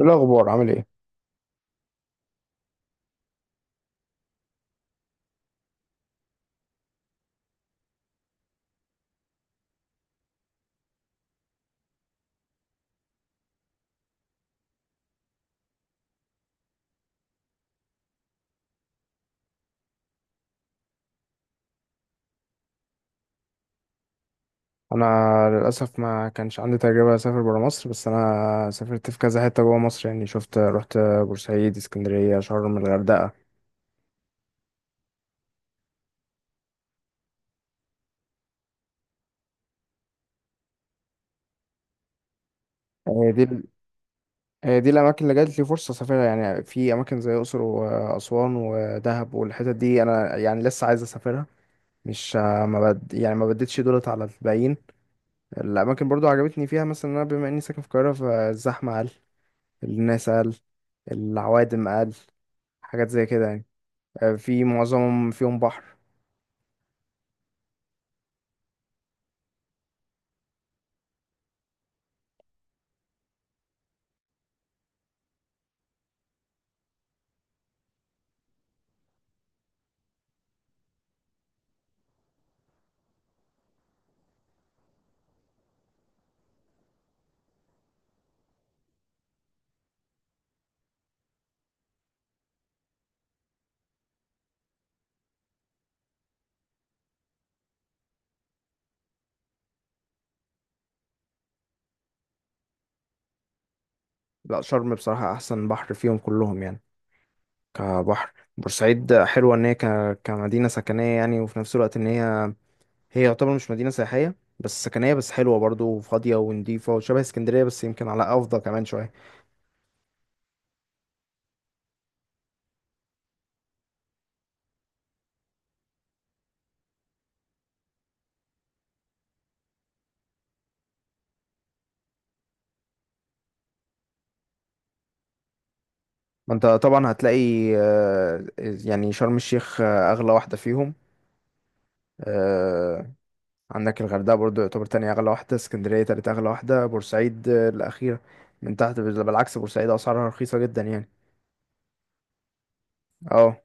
إيه الأخبار عامل ايه؟ أنا للأسف ما كانش عندي تجربة أسافر برا مصر، بس أنا سافرت في كذا حتة جوا مصر. يعني شفت رحت بورسعيد، اسكندرية، شرم، الغردقة. هي دي هي دي الأماكن اللي جات لي فرصة أسافرها. يعني في أماكن زي الأقصر وأسوان ودهب والحتت دي أنا يعني لسه عايز أسافرها. مش ما بد... يعني ما بديتش دولت على الباقيين. الأماكن برضو عجبتني فيها، مثلا إن أنا بما إني ساكن في القاهرة، فالزحمة أقل، الناس أقل، العوادم أقل، حاجات زي كده يعني. في معظمهم فيهم بحر. لا، شرم بصراحة أحسن بحر فيهم كلهم يعني. كبحر بورسعيد حلوة كمدينة سكنية يعني، وفي نفس الوقت إن هي يعتبر مش مدينة سياحية بس سكنية، بس حلوة برضو وفاضية ونضيفة وشبه اسكندرية، بس يمكن على أفضل كمان شوية. ما أنت طبعا هتلاقي يعني شرم الشيخ أغلى واحدة فيهم. آه، عندك الغردقة برضو يعتبر تاني أغلى واحدة، اسكندرية تالت أغلى واحدة، بورسعيد الأخيرة من تحت. بالعكس بورسعيد أسعارها رخيصة جدا يعني. اه،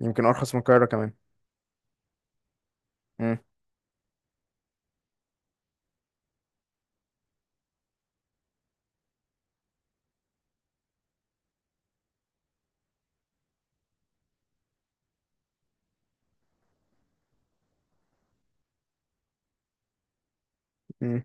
يمكن ارخص من القاهره كمان. مم. مم.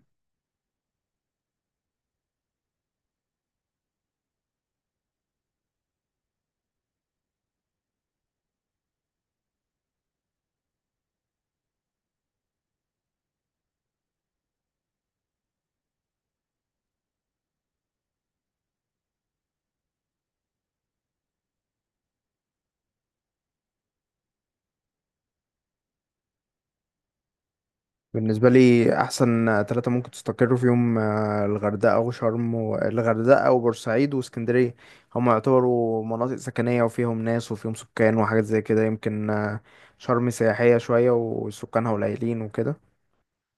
بالنسبه لي احسن ثلاثه ممكن تستقروا فيهم الغردقه وشرم، والغردقه وبورسعيد واسكندريه. هم يعتبروا مناطق سكنيه وفيهم ناس وفيهم سكان وحاجات زي كده، يمكن شرم سياحيه شويه وسكانها قليلين وكده،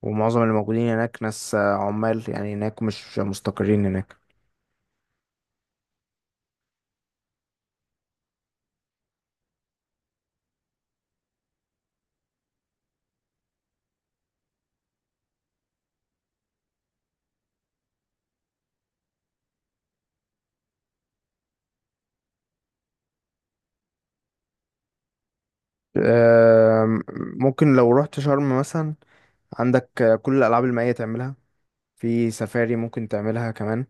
ومعظم اللي موجودين هناك ناس عمال يعني هناك، مش مستقرين هناك. آم، ممكن لو رحت شرم مثلا عندك كل الالعاب المائيه تعملها، في سفاري ممكن تعملها كمان.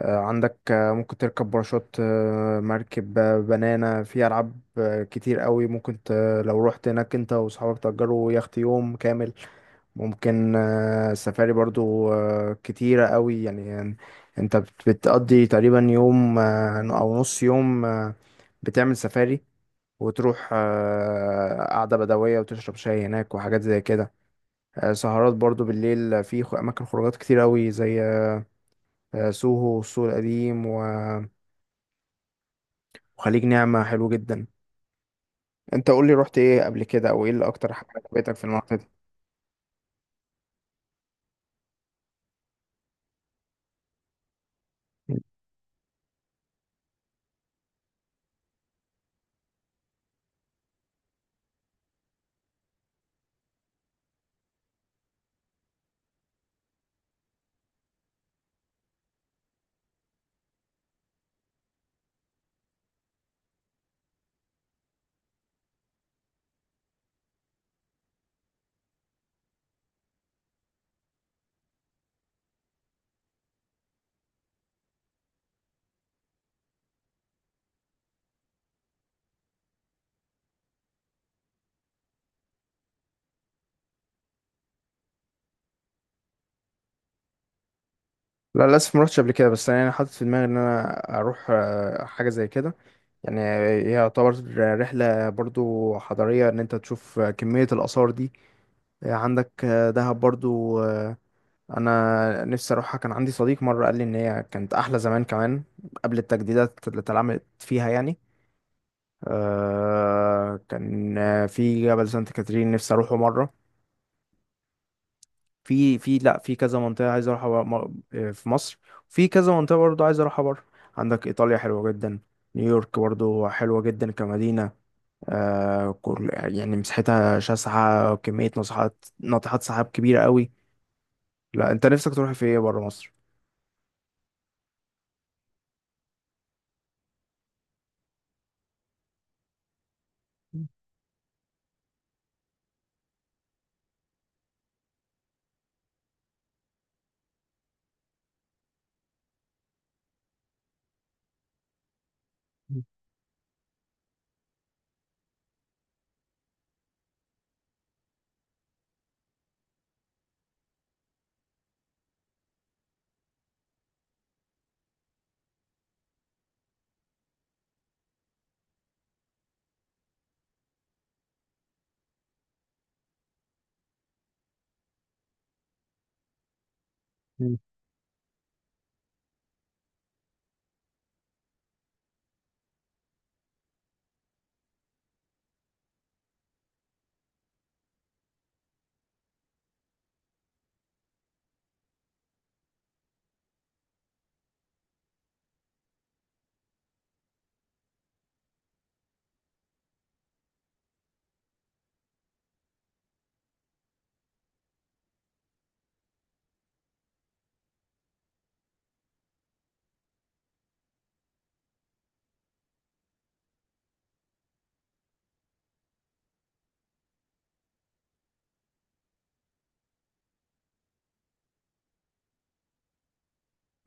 عندك ممكن تركب باراشوت، مركب، بنانا، في ألعاب كتير قوي ممكن لو رحت هناك انت وصحابك تأجروا يخت يوم كامل. ممكن سفاري برضو كتيرة قوي. يعني انت بتقضي تقريبا يوم أو نص يوم. بتعمل سفاري، وتروح قعدة بدوية وتشرب شاي هناك وحاجات زي كده. سهرات برضو بالليل في أماكن خروجات كتير قوي، زي سوهو والسوق القديم وخليج نعمة، حلو جدا. انت قول لي رحت ايه قبل كده، او ايه اللي اكتر حاجة عجبتك في المنطقة دي؟ لا، للاسف ما رحتش قبل كده، بس انا حاطط في دماغي ان انا اروح حاجة زي كده يعني. هي يعتبر رحلة برضو حضارية ان انت تشوف كمية الآثار دي. عندك دهب برضو. انا نفسي اروحها. كان عندي صديق مرة قال لي ان هي كانت احلى زمان كمان قبل التجديدات اللي اتعملت فيها يعني. كان في جبل سانت كاترين نفسي اروحه مرة. في في لا، في كذا منطقة عايز اروحها في مصر. في كذا منطقة برضو عايز اروحها بره. عندك ايطاليا حلوة جدا، نيويورك برضو حلوة جدا كمدينة. كل يعني مساحتها شاسعة، كمية ناطحات سحاب كبيرة قوي. لا، انت نفسك تروح في ايه بره مصر؟ مم.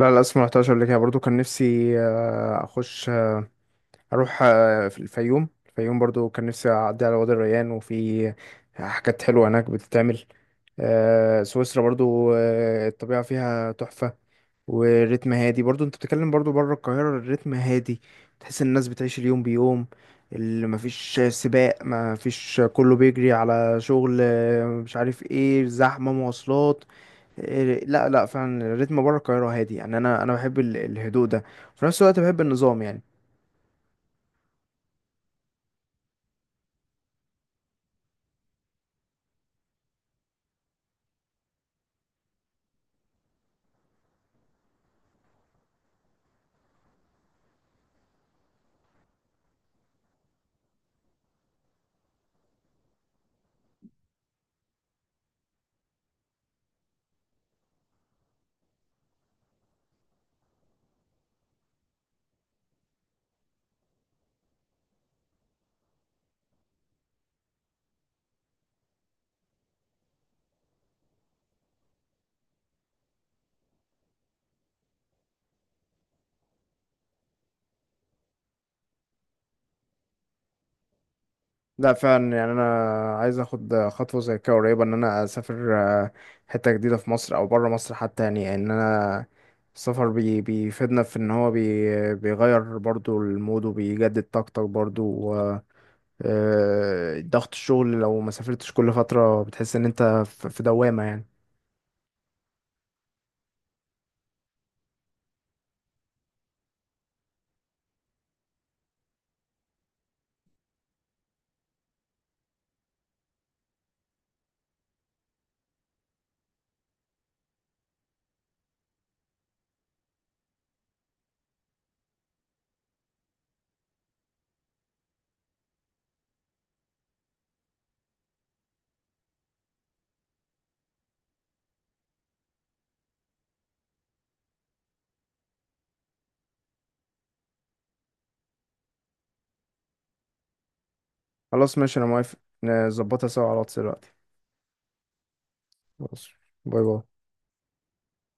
لا، للأسف ما رحتهاش قبل كده برضو. كان نفسي أخش أروح في الفيوم. الفيوم برضو كان نفسي أعدي على وادي الريان، وفي حاجات حلوة هناك بتتعمل. سويسرا برضو الطبيعة فيها تحفة، والريتم هادي برضو. انت بتتكلم برضو بره القاهرة الريتم هادي، تحس ان الناس بتعيش اليوم بيوم، اللي مفيش سباق، مفيش كله بيجري على شغل مش عارف ايه، زحمة مواصلات. لا لا، فعلا الريتم بره القاهرة هادي يعني. انا بحب الهدوء ده، في نفس الوقت بحب النظام يعني. لا فعلا، يعني انا عايز اخد خطوه زي كده قريبه ان انا اسافر آه، حته جديده في مصر او بره مصر حتى. يعني ان انا السفر بيفيدنا في ان هو بيغير برضو المود وبيجدد طاقتك برضو، و ضغط الشغل لو ما سافرتش كل فتره بتحس ان انت في دوامه يعني. خلاص ماشي، انا موافق، نظبطها سوا على الواتس دلوقتي. خلاص. باي باي.